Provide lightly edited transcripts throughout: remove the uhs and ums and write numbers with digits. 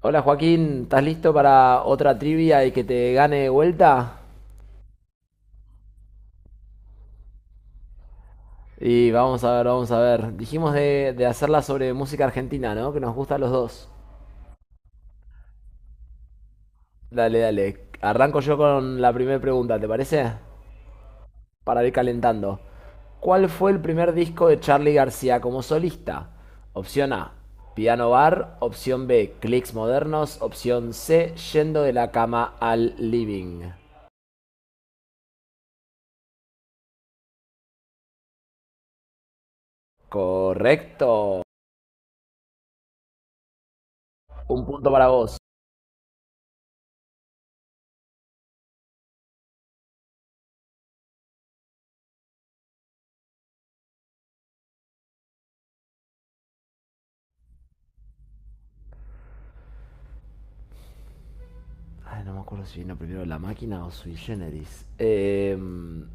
Hola Joaquín, ¿estás listo para otra trivia y que te gane de vuelta? Y vamos a ver, vamos a ver. Dijimos de hacerla sobre música argentina, ¿no? Que nos gusta a los dos. Dale, dale. Arranco yo con la primera pregunta, ¿te parece? Para ir calentando. ¿Cuál fue el primer disco de Charly García como solista? Opción A, Piano Bar. Opción B, Clicks Modernos. Opción C, Yendo de la cama al living. Correcto. Un punto para vos. Ay, no me acuerdo si vino primero la máquina o Sui Generis.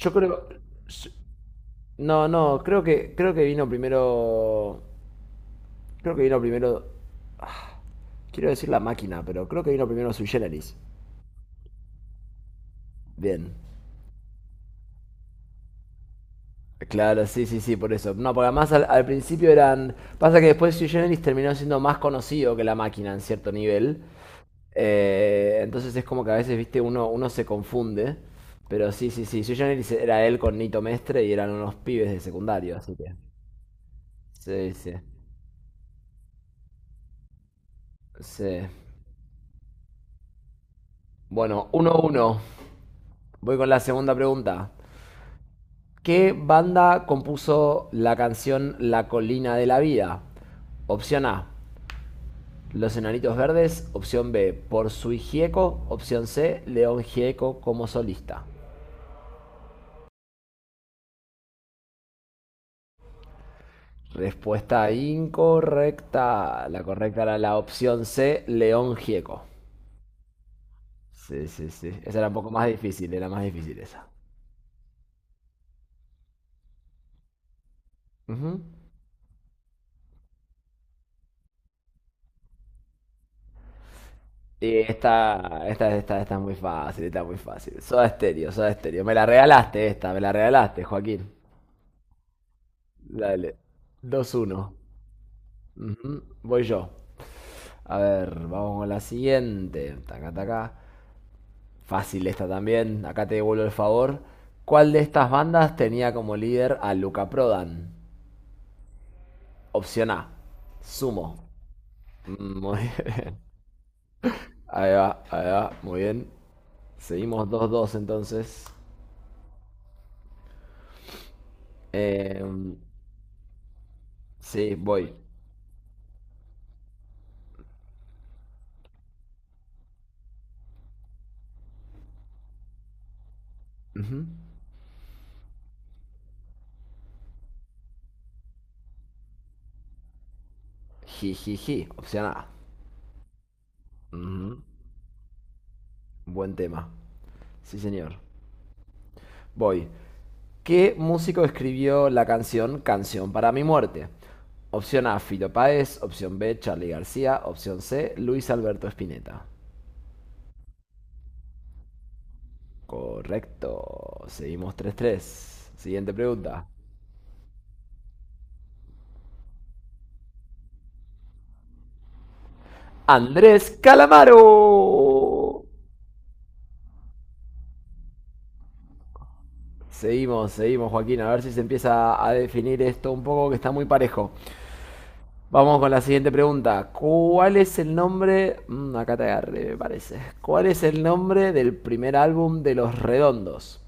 Yo creo. No, no, creo que vino primero. Creo que vino primero. Quiero decir la máquina, pero creo que vino primero Sui Generis. Bien. Claro, sí, sí, sí, por eso. No, porque además al principio eran. Pasa que después Sui Generis terminó siendo más conocido que la máquina en cierto nivel. Entonces es como que a veces, viste, uno se confunde. Pero sí, sí, sí. Sui Generis era él con Nito Mestre y eran unos pibes de secundario, así que. Sí, sí, sí. Bueno, 1 uno. Voy con la segunda pregunta. ¿Qué banda compuso la canción La Colina de la Vida? Opción A, Los Enanitos Verdes. Opción B, Por Sui Gieco. Opción C, León Gieco como solista. Respuesta incorrecta. La correcta era la opción C, León Gieco. Sí, sí, sí. Esa era un poco más difícil, era más difícil esa. Ujú. Sí, esta es muy fácil, está muy fácil. Soda Stereo, Soda Stereo. Me la regalaste esta, me la regalaste, Joaquín. Dale. 2-1. Ujú, voy yo. A ver, vamos con la siguiente. Taca, taca. Fácil esta también. Acá te devuelvo el favor. ¿Cuál de estas bandas tenía como líder a Luca Prodan? Opción A. Sumo. Mm, muy bien. Ahí va, ahí va. Muy bien. Seguimos 2-2 entonces. Em, sí, voy. Ujú. Jijiji, opción A. Ujú. Buen tema. Sí, señor. Voy. ¿Qué músico escribió la canción Canción para mi muerte? Opción A, Fito Páez. Opción B, Charly García. Opción C, Luis Alberto Spinetta. Correcto. Seguimos tres tres. Siguiente pregunta. Andrés Calamaro. Seguimos, seguimos, Joaquín. A ver si se empieza a definir esto un poco, que está muy parejo. Vamos con la siguiente pregunta. ¿Cuál es el nombre? Mm, acá te agarré, me parece. ¿Cuál es el nombre del primer álbum de Los Redondos?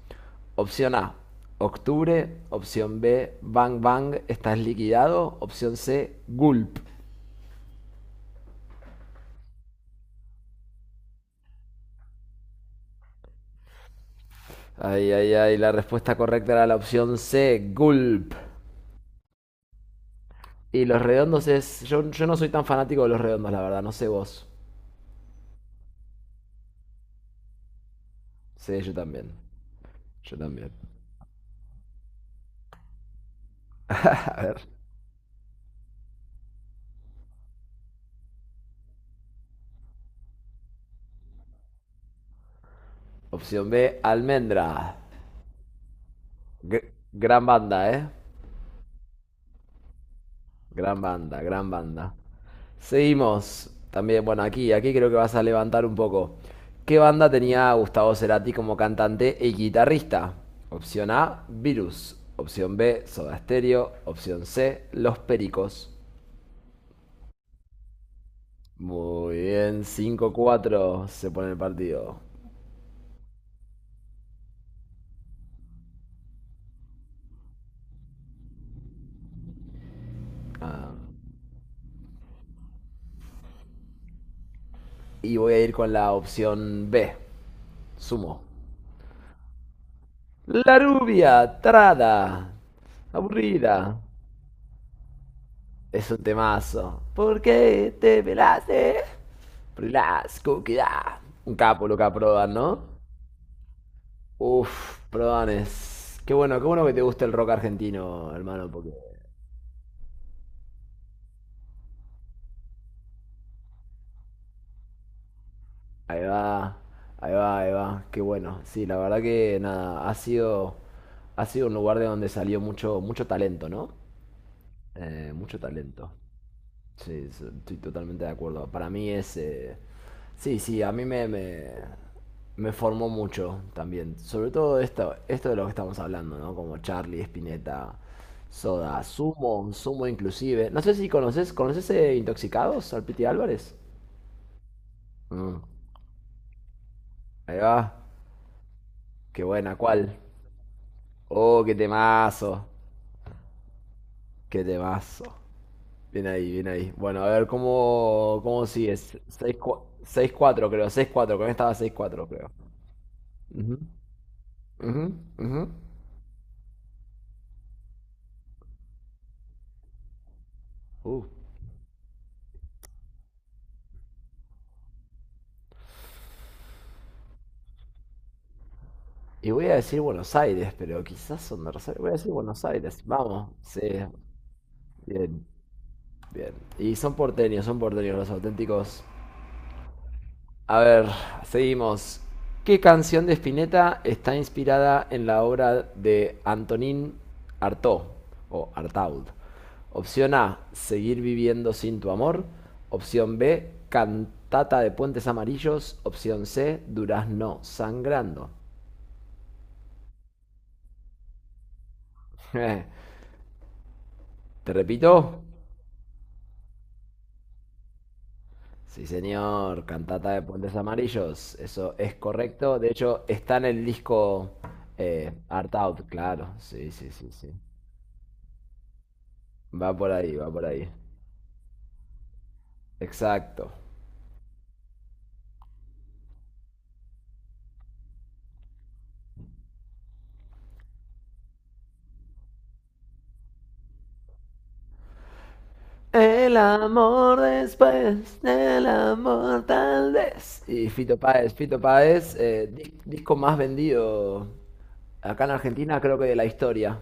Opción A, Octubre. Opción B, Bang Bang, estás liquidado. Opción C, Gulp. Ay, ay, ay, la respuesta correcta era la opción C, Gulp. Y Los Redondos es... Yo no soy tan fanático de Los Redondos, la verdad, no sé vos. Sí, yo también. Yo también. A ver. Opción B, Almendra. Gran banda, ¿eh? Gran banda, gran banda. Seguimos. También, bueno, aquí, aquí creo que vas a levantar un poco. ¿Qué banda tenía Gustavo Cerati como cantante y guitarrista? Opción A, Virus. Opción B, Soda Stereo. Opción C, Los Pericos. Muy bien, cinco cuatro se pone el partido. Ah, y voy a ir con la opción B, sumo. La rubia, tarada, aburrida. Es un temazo. ¿Por qué te pelaste? Blasco, queda. Un capo, loca, Prodan, ¿no? Uf, Prodan. Qué bueno que te guste el rock argentino, hermano, porque ahí va, ahí va, ahí va. Qué bueno. Sí, la verdad que nada, ha sido un lugar de donde salió mucho, mucho talento, ¿no? Mucho talento. Sí, sí, estoy totalmente de acuerdo. Para mí es... Sí, sí, a mí me formó mucho también. Sobre todo esto, esto de lo que estamos hablando, ¿no? Como Charlie, Spinetta, Soda, Sumo, Sumo inclusive. No sé si conoces, ¿conoces Intoxicados al Piti Álvarez? Mm, ahí va. Qué buena, ¿cuál? Oh, qué temazo. Qué temazo. Bien ahí, bien ahí. Bueno, a ver cómo, cómo sigues. Seis cuatro creo. Seis cuatro. Con esta va seis cuatro creo. Ujú, ujú, ujú. Uh, Y voy a decir Buenos Aires, pero quizás son de Rosario. Voy a decir Buenos Aires. Vamos, sí. Bien, bien. Y son porteños los auténticos. A ver, seguimos. ¿Qué canción de Spinetta está inspirada en la obra de Antonín Artaud o Artaud? Opción A, Seguir viviendo sin tu amor. Opción B, Cantata de Puentes Amarillos. Opción C, Durazno sangrando. Te repito, sí señor, Cantata de Puentes Amarillos, eso es correcto. De hecho, está en el disco Art Out, claro. Sí, sí, sí, sí. Va por ahí, va por ahí. Exacto. El amor después, el amor tal vez. Y Fito Páez, Fito Páez, disco más vendido acá en Argentina, creo que de la historia.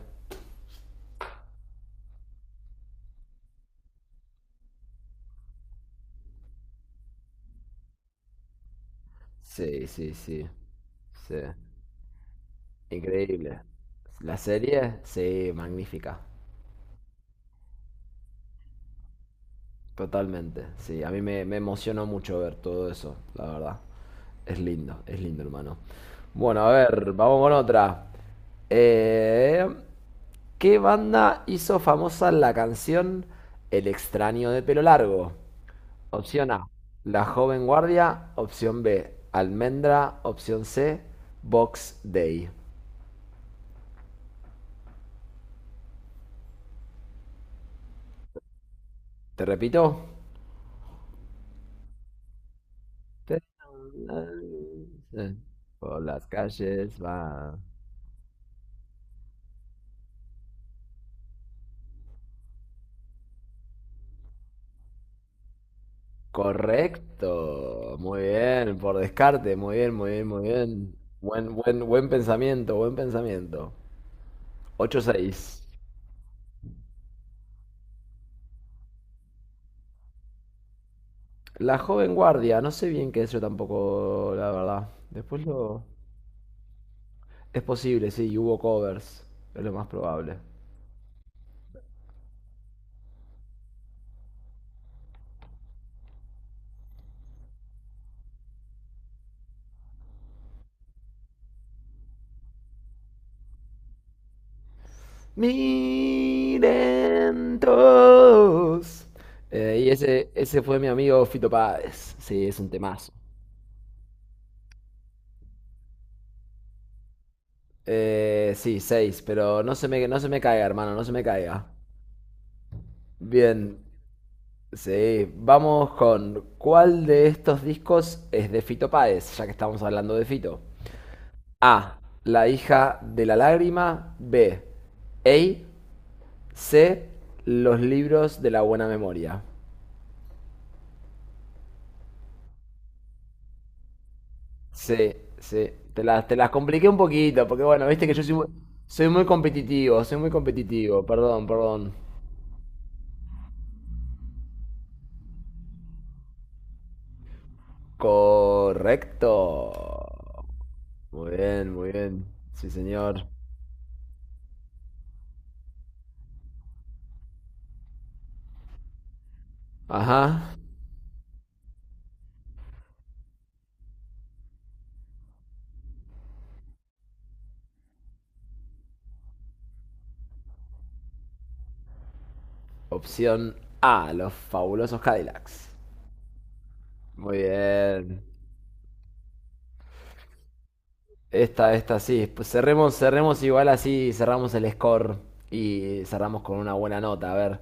Sí, sí, sí. Sí. Increíble. La serie, sí, magnífica. Totalmente. Sí, a mí me emocionó mucho ver todo eso, la verdad. Es lindo, hermano. Bueno, a ver, vamos con otra. Eh, ¿Qué banda hizo famosa la canción El extraño de pelo largo? Opción A, La joven guardia. Opción B, Almendra. Opción C, Box Day. ¿Te repito? Pero, eh, por las calles va. Correcto. Muy bien. Por descarte. Muy bien, muy bien, muy bien. Buen, buen, buen pensamiento, buen pensamiento. Ocho seis. La joven guardia. No sé bien qué es yo tampoco, la verdad. Después lo... Es posible, sí. Hubo covers. Es lo más probable. Miren todos. Y ese fue mi amigo Fito Páez. Sí, es un temazo. Sí, seis, pero no se me, no se me caiga, hermano, no se me caiga. Bien, sí, vamos con ¿cuál de estos discos es de Fito Páez, ya que estamos hablando de Fito? A, La hija de la lágrima, B, Ey, C, Los libros de la buena memoria. Sí, sí, te las compliqué un poquito, porque bueno, viste que yo soy, soy muy competitivo, perdón, perdón. Correcto. Muy bien, muy bien. Sí, señor. Ajá. Opción A, los fabulosos Cadillacs. Muy bien. Esta sí. Pues cerremos, cerremos igual así, cerramos el score y cerramos con una buena nota. A ver,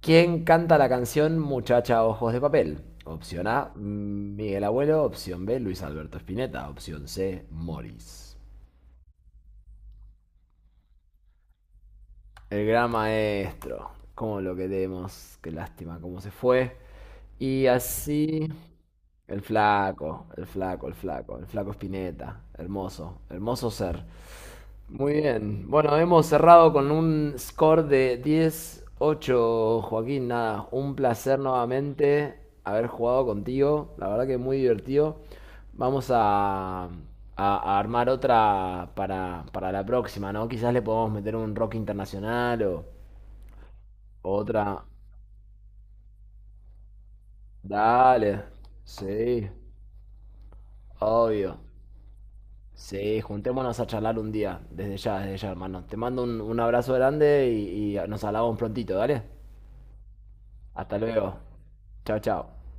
¿quién canta la canción Muchacha Ojos de Papel? Opción A, Miguel Abuelo. Opción B, Luis Alberto Spinetta. Opción C, Morris. El gran maestro. Cómo lo queremos. Qué lástima cómo se fue. Y así. El flaco, el flaco, el flaco, el flaco Spinetta. Hermoso, hermoso ser. Muy bien. Bueno, hemos cerrado con un score de diez ocho, Joaquín. Nada, un placer nuevamente haber jugado contigo. La verdad que muy divertido. Vamos a armar otra para la próxima, ¿no? Quizás le podemos meter un rock internacional o otra. Dale. Sí, obvio. Sí, juntémonos a charlar un día. Desde ya, hermano. Te mando un abrazo grande y nos hablamos prontito, ¿dale? Hasta luego. Chao, chao.